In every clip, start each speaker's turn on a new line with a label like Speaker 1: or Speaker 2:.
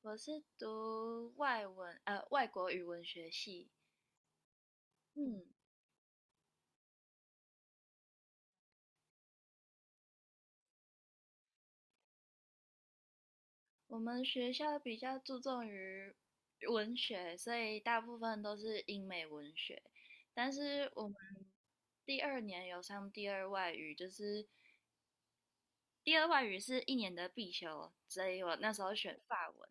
Speaker 1: 我是读外文，外国语文学系。嗯，我们学校比较注重于文学，所以大部分都是英美文学。但是我们第二年有上第二外语，就是第二外语是1年的必修，所以我那时候选法文。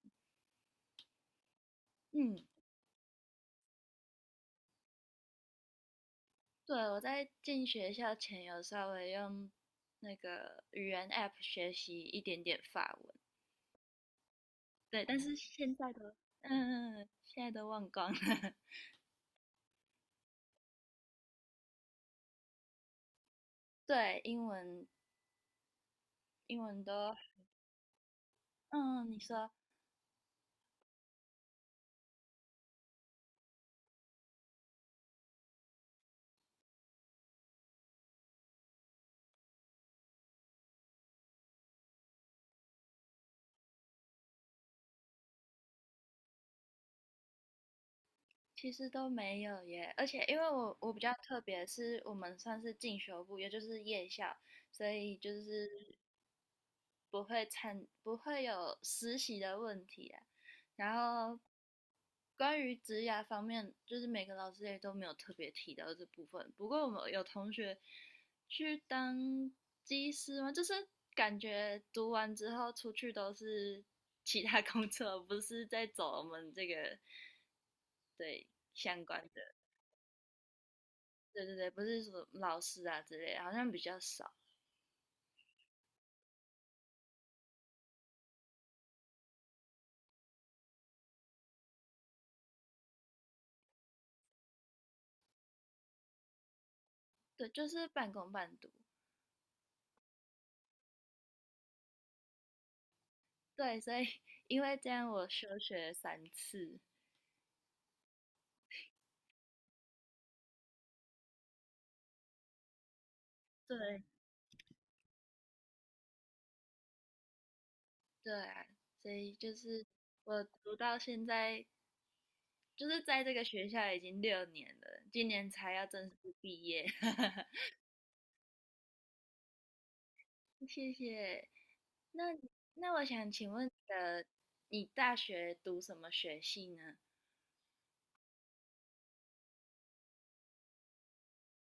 Speaker 1: 嗯，对，我在进学校前有稍微用那个语言 App 学习一点点法文。对，但是现在的，嗯嗯嗯现在都忘光了。对，英文都，嗯，你说，其实都没有耶，而且因为我比较特别，是我们算是进修部，也就是夜校，所以就是不会有实习的问题啊。然后关于职涯方面，就是每个老师也都没有特别提到这部分。不过我们有同学去当技师嘛，就是感觉读完之后出去都是其他工作，不是在走我们这个。对，相关的，对对对，不是说老师啊之类的，好像比较少。对，就是半工半读。对，所以因为这样我休学了三次。对对啊，所以就是我读到现在，就是在这个学校已经6年了，今年才要正式毕业。谢谢。那我想请问你大学读什么学系呢？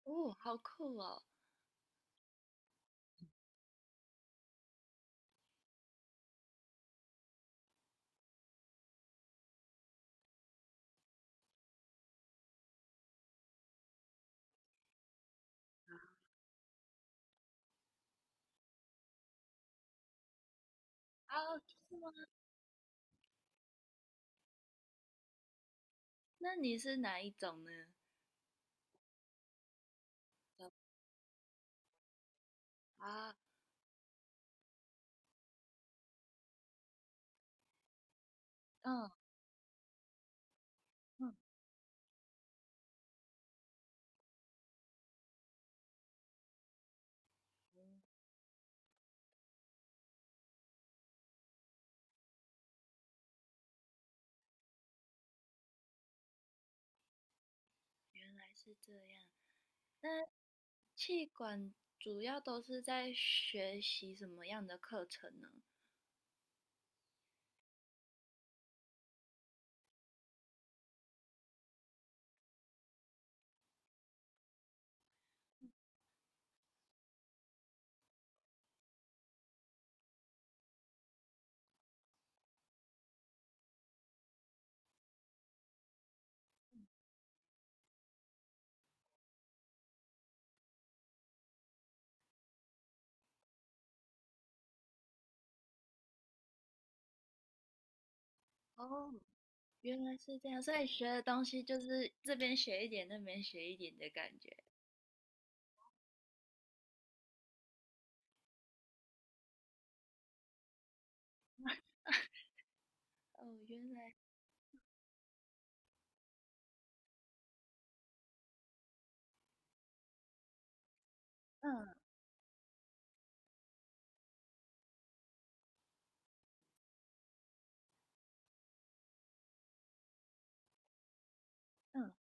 Speaker 1: 哦，好酷哦！啊，是吗？那你是哪一种呢？啊，嗯嗯，还是这样。那气管主要都是在学习什么样的课程呢？哦，原来是这样，所以学的东西就是这边学一点，那边学一点的感觉。哦，原来，嗯嗯，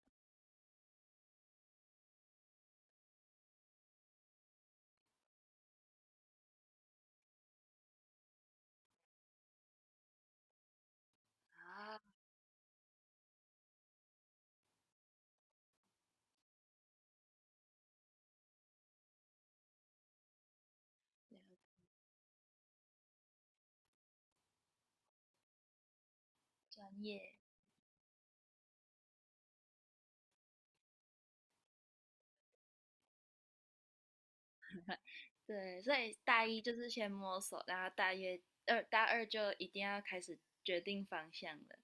Speaker 1: 啊，了专业，对，所以大一就是先摸索，然后大二就一定要开始决定方向了。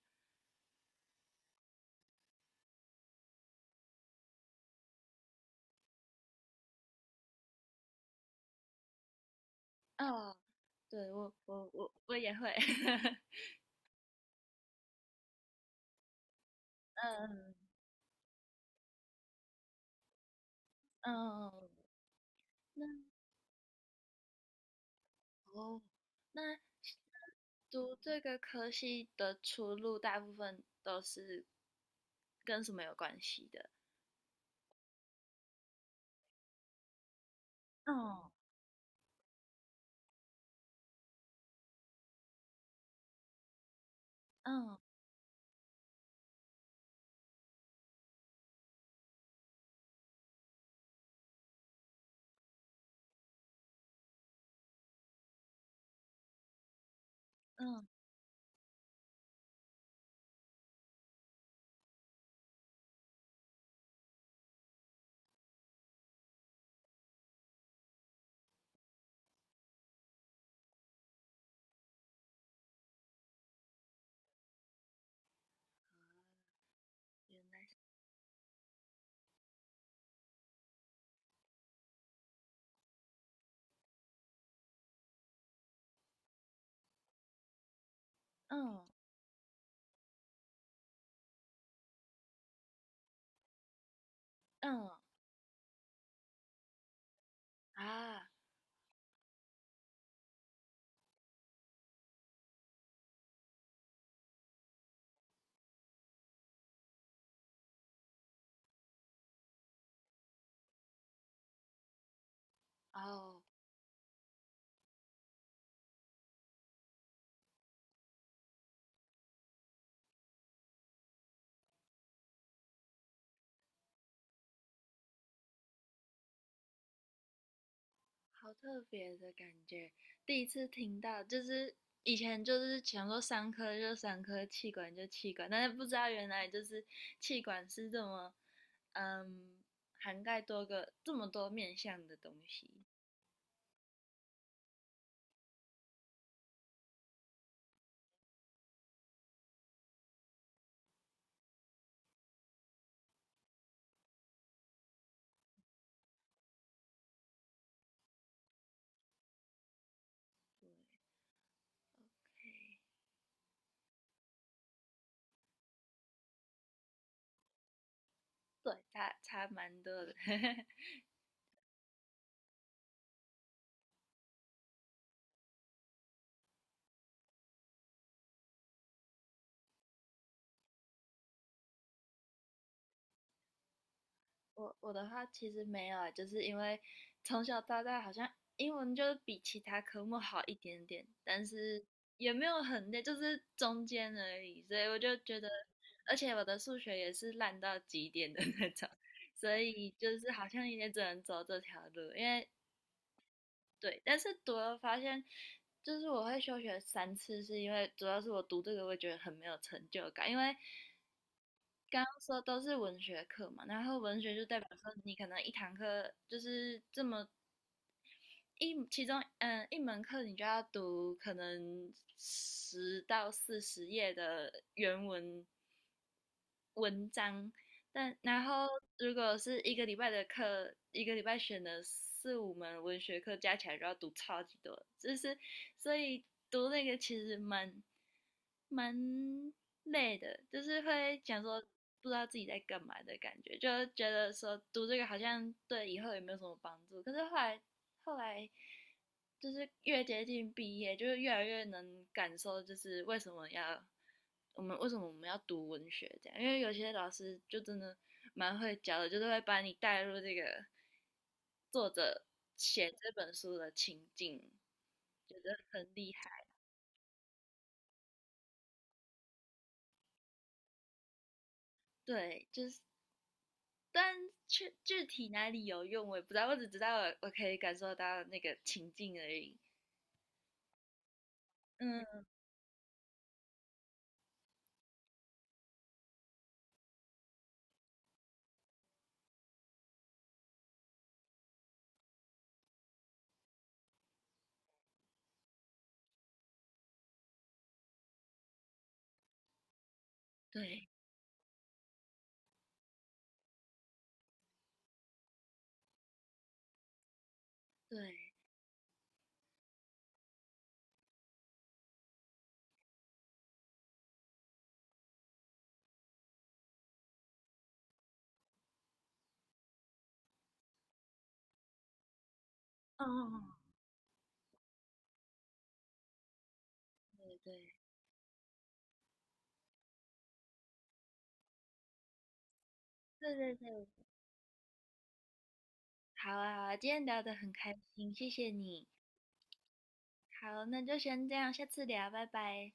Speaker 1: 哦，对，我也会，嗯嗯嗯嗯。那哦，那读这个科系的出路，大部分都是跟什么有关系的？嗯嗯嗯嗯嗯啊哦，好特别的感觉，第一次听到，就是以前就是想说三科就三科，气管就气管，但是不知道原来就是气管是这么嗯涵盖这么多面向的东西。对，差蛮多的。我的话其实没有欸就是因为从小到大好像英文就是比其他科目好一点点，但是也没有很累，就是中间而已。所以我就觉得，而且我的数学也是烂到极点的那种，所以就是好像也只能走这条路，对，但是读了发现，就是我会休学三次，是因为主要是我读这个会觉得很没有成就感，因为刚刚说都是文学课嘛，然后文学就代表说你可能一堂课就是这么其中一门课你就要读可能10到40页的原文文章，但然后如果是一个礼拜的课，一个礼拜选的4、5门文学课加起来就要读超级多，就是所以读那个其实蛮累的，就是会讲说不知道自己在干嘛的感觉，就觉得说读这个好像对以后也没有什么帮助，可是后来就是越接近毕业，就是越来越能感受，就是为什么我们要读文学这样，因为有些老师就真的蛮会教的，就是会把你带入这个作者写这本书的情境，觉得很厉害。对，就是但具体哪里有用我也不知道，我只知道我可以感受到那个情境而已。嗯，对对，哦，对对对对对，好啊，好啊，今天聊得很开心，谢谢你。好，那就先这样，下次聊，拜拜。